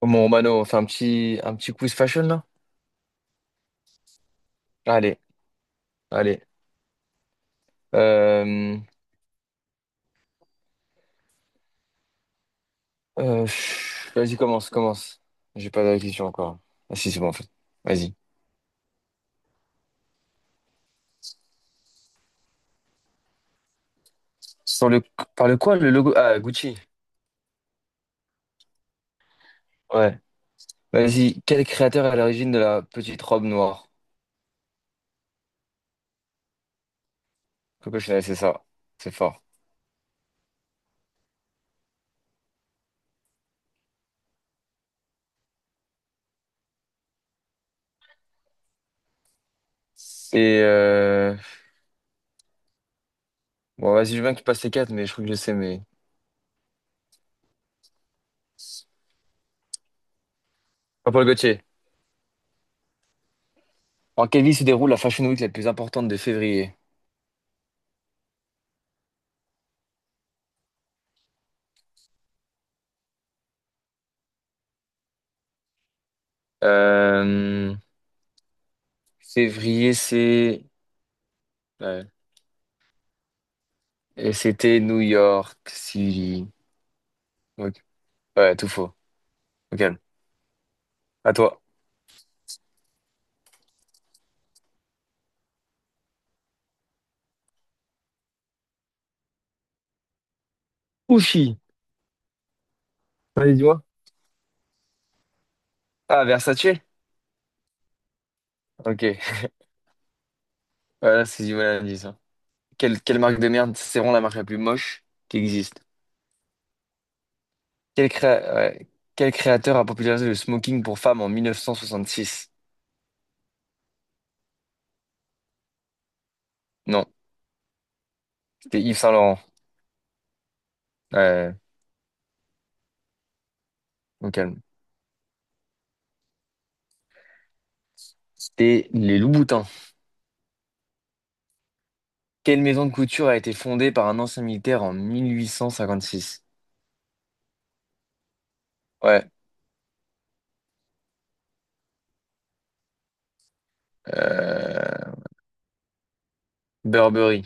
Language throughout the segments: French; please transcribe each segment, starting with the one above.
Bon, Mano, on fait un petit quiz fashion là? Allez, allez. Euh, vas-y, commence. J'ai pas la question encore. Ah si, c'est bon en fait. Vas-y. Sur le, par le quoi, le logo? Ah, Gucci. Ouais. Vas-y. Quel créateur est à l'origine de la petite robe noire? Coco Chanel, c'est ça. C'est fort. Et euh, bon, vas-y, je veux bien que tu passes les quatre, mais je crois que je sais, mais. Jean-Paul Gaultier. En quelle ville se déroule la Fashion Week la plus importante de février? Euh, février, c'est. Ouais. Et c'était New York City. Ok. Ouais, tout faux. Ok. À toi. Uchi. Allez, dis-moi. Ah, Versace? Ok. Voilà, c'est du mal à dire, ça. Quelle marque de merde? C'est vraiment la marque la plus moche qui existe. Ouais. Quel créateur a popularisé le smoking pour femmes en 1966? Non, c'était Yves Saint-Laurent. Ouais, au calme. C'était les Louboutins. Quelle maison de couture a été fondée par un ancien militaire en 1856? Ouais. Euh... Burberry.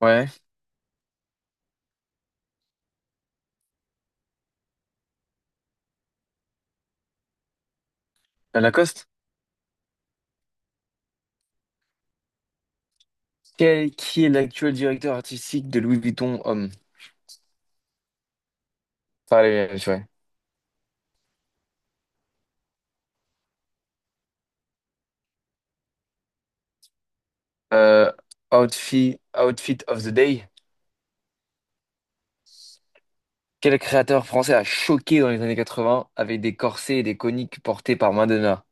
Ouais. Lacoste? Quel- qui est l'actuel directeur artistique de Louis Vuitton Homme? Enfin, allez, allez, je Euh, outfit, Outfit of the Day. Quel créateur français a choqué dans les années 80 avec des corsets et des coniques portés par Madonna?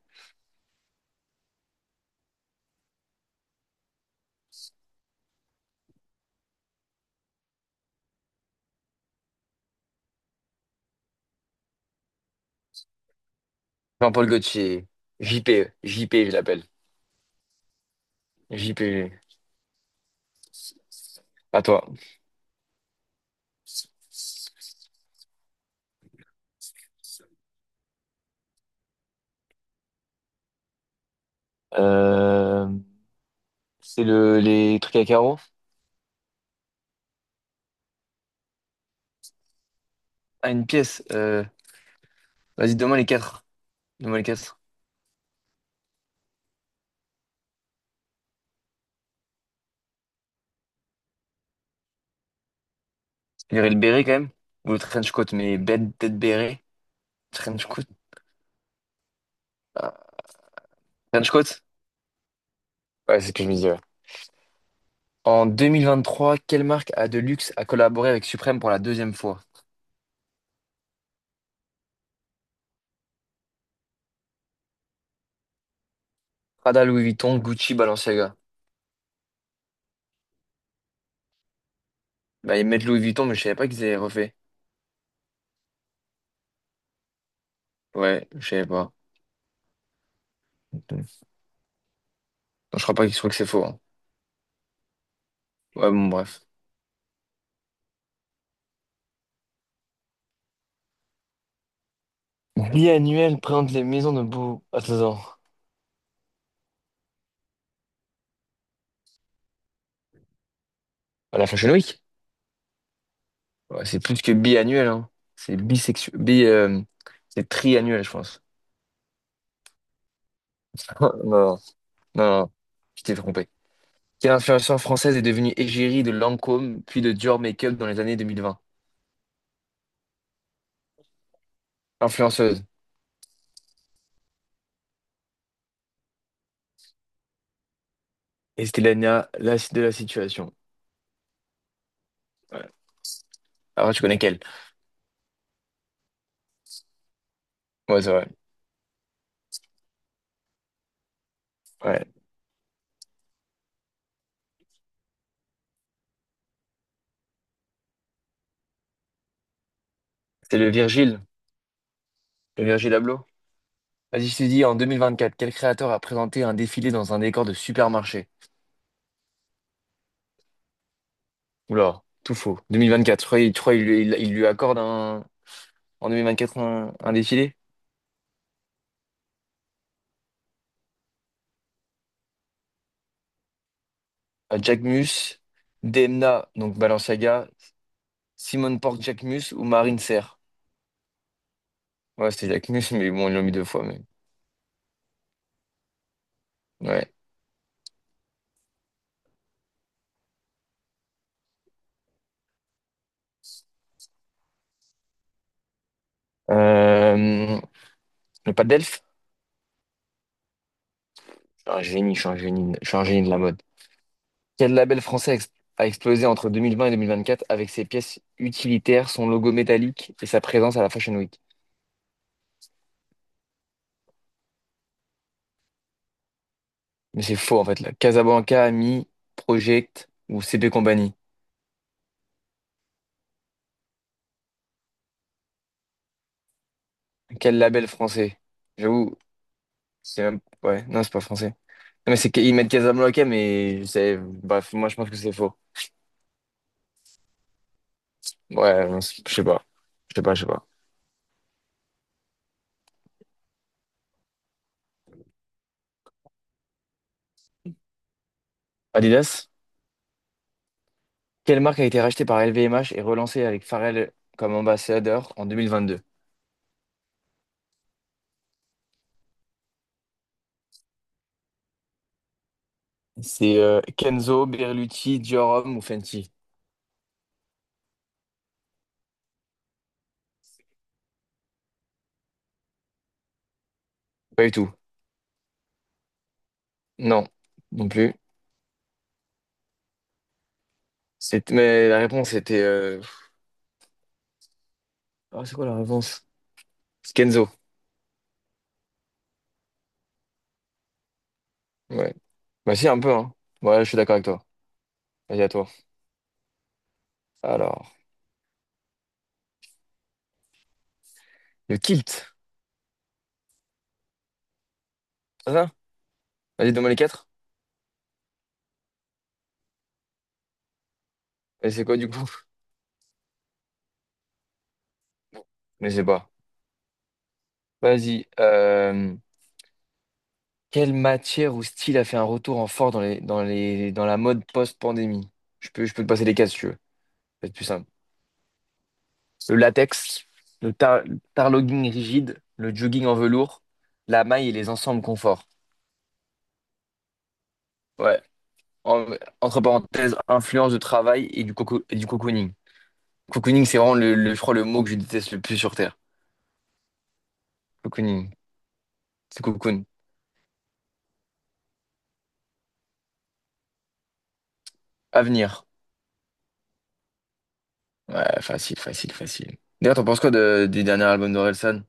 Jean-Paul Gaultier. JP, JP, je l'appelle. JP, à toi. Euh, c'est le, les trucs à carreaux? Ah, une pièce. Vas-y, donne-moi les quatre. Donne-moi les quatre. Il y aurait le béret quand même. Ou le trench coat, mais bête, tête béret. Trench coat. Ah. Trench coat? Ouais, c'est ce que je me dis, ouais. En 2023, quelle marque à de luxe a collaboré avec Supreme pour la deuxième fois? Prada, Louis Vuitton, Gucci, Balenciaga. Bah, ils mettent Louis Vuitton, mais je savais pas qu'ils avaient refait. Ouais, je savais pas. Non, je crois pas qu'ils trouvent que c'est faux, hein. Ouais, bon, bref. Biannuel présente les maisons de beau. Attends, attends. À la Fashion Week? Ouais, c'est plus que biannuel, hein. C'est bisexuel. C'est triannuel, je pense. Non, non, non, je t'ai trompé. Quelle influenceuse française est devenue égérie de Lancôme, puis de Dior Makeup dans les années 2020? Influenceuse. Et c'était la de la situation. Ouais. Ah ouais, tu connais quelle? Ouais, c'est vrai. Ouais. C'est le Virgile. Le Virgile Abloh. Vas-y, je te dis, en 2024, quel créateur a présenté un défilé dans un décor de supermarché? Oula, tout faux. 2024, tu crois il lui accorde un, en 2024 un défilé? À Jacquemus, Demna, donc Balenciaga, Simone Porte Jacquemus ou Marine Serre. Ouais, c'était Jacquemus, mais bon, ils l'ont mis deux fois. Mais... Ouais. Euh, le pas d'elfe. Je suis un génie, je suis un génie, je suis un génie de la mode. Quel label français a ex- a explosé entre 2020 et 2024 avec ses pièces utilitaires, son logo métallique et sa présence à la Fashion Week? Mais c'est faux en fait là. Casablanca, Ami, Project ou CP Company. Quel label français? J'avoue, c'est même... Ouais, non, c'est pas français. Non, mais c'est qu'ils mettent Casablanca, mais c'est... Bref, moi je pense que c'est faux. Ouais, non, je sais pas. Je sais pas. Adidas? Quelle marque a été rachetée par LVMH et relancée avec Pharrell comme ambassadeur en 2022? C'est Kenzo, Berluti, Diorum ou Fenty? Pas du tout. Non, non plus. Mais la réponse était... ah, c'est quoi la réponse? C'est Kenzo. Ouais. Bah si, un peu, hein. Ouais, je suis d'accord avec toi. Vas-y, à toi. Alors, le kilt, c'est ça? Vas-y, donne-moi les quatre. Et c'est quoi, du coup? Je sais pas. Vas-y. Quelle matière ou style a fait un retour en fort dans la mode post-pandémie? Je peux te passer les quatre, si tu veux. C'est plus simple. Le latex, le tar- tarlogging rigide, le jogging en velours, la maille et les ensembles confort. Ouais. En- entre parenthèses, influence de travail et et du cocooning. Cocooning, c'est vraiment je crois, le mot que je déteste le plus sur Terre. Cocooning. C'est cocoon. Avenir. Ouais, facile, facile, facile. D'ailleurs, t'en penses quoi du dernier album d'Orelsan?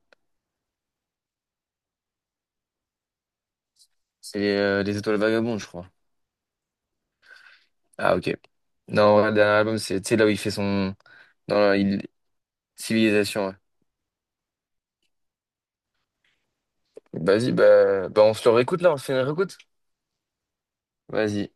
C'est Les Étoiles Vagabondes, je crois. Ah, ok. Non, ouais, le dernier album, c'est tu sais, là où il fait son. Dans la il- Civilisation, ouais. Vas-y, on se le réécoute là, on se fait une réécoute. Vas-y.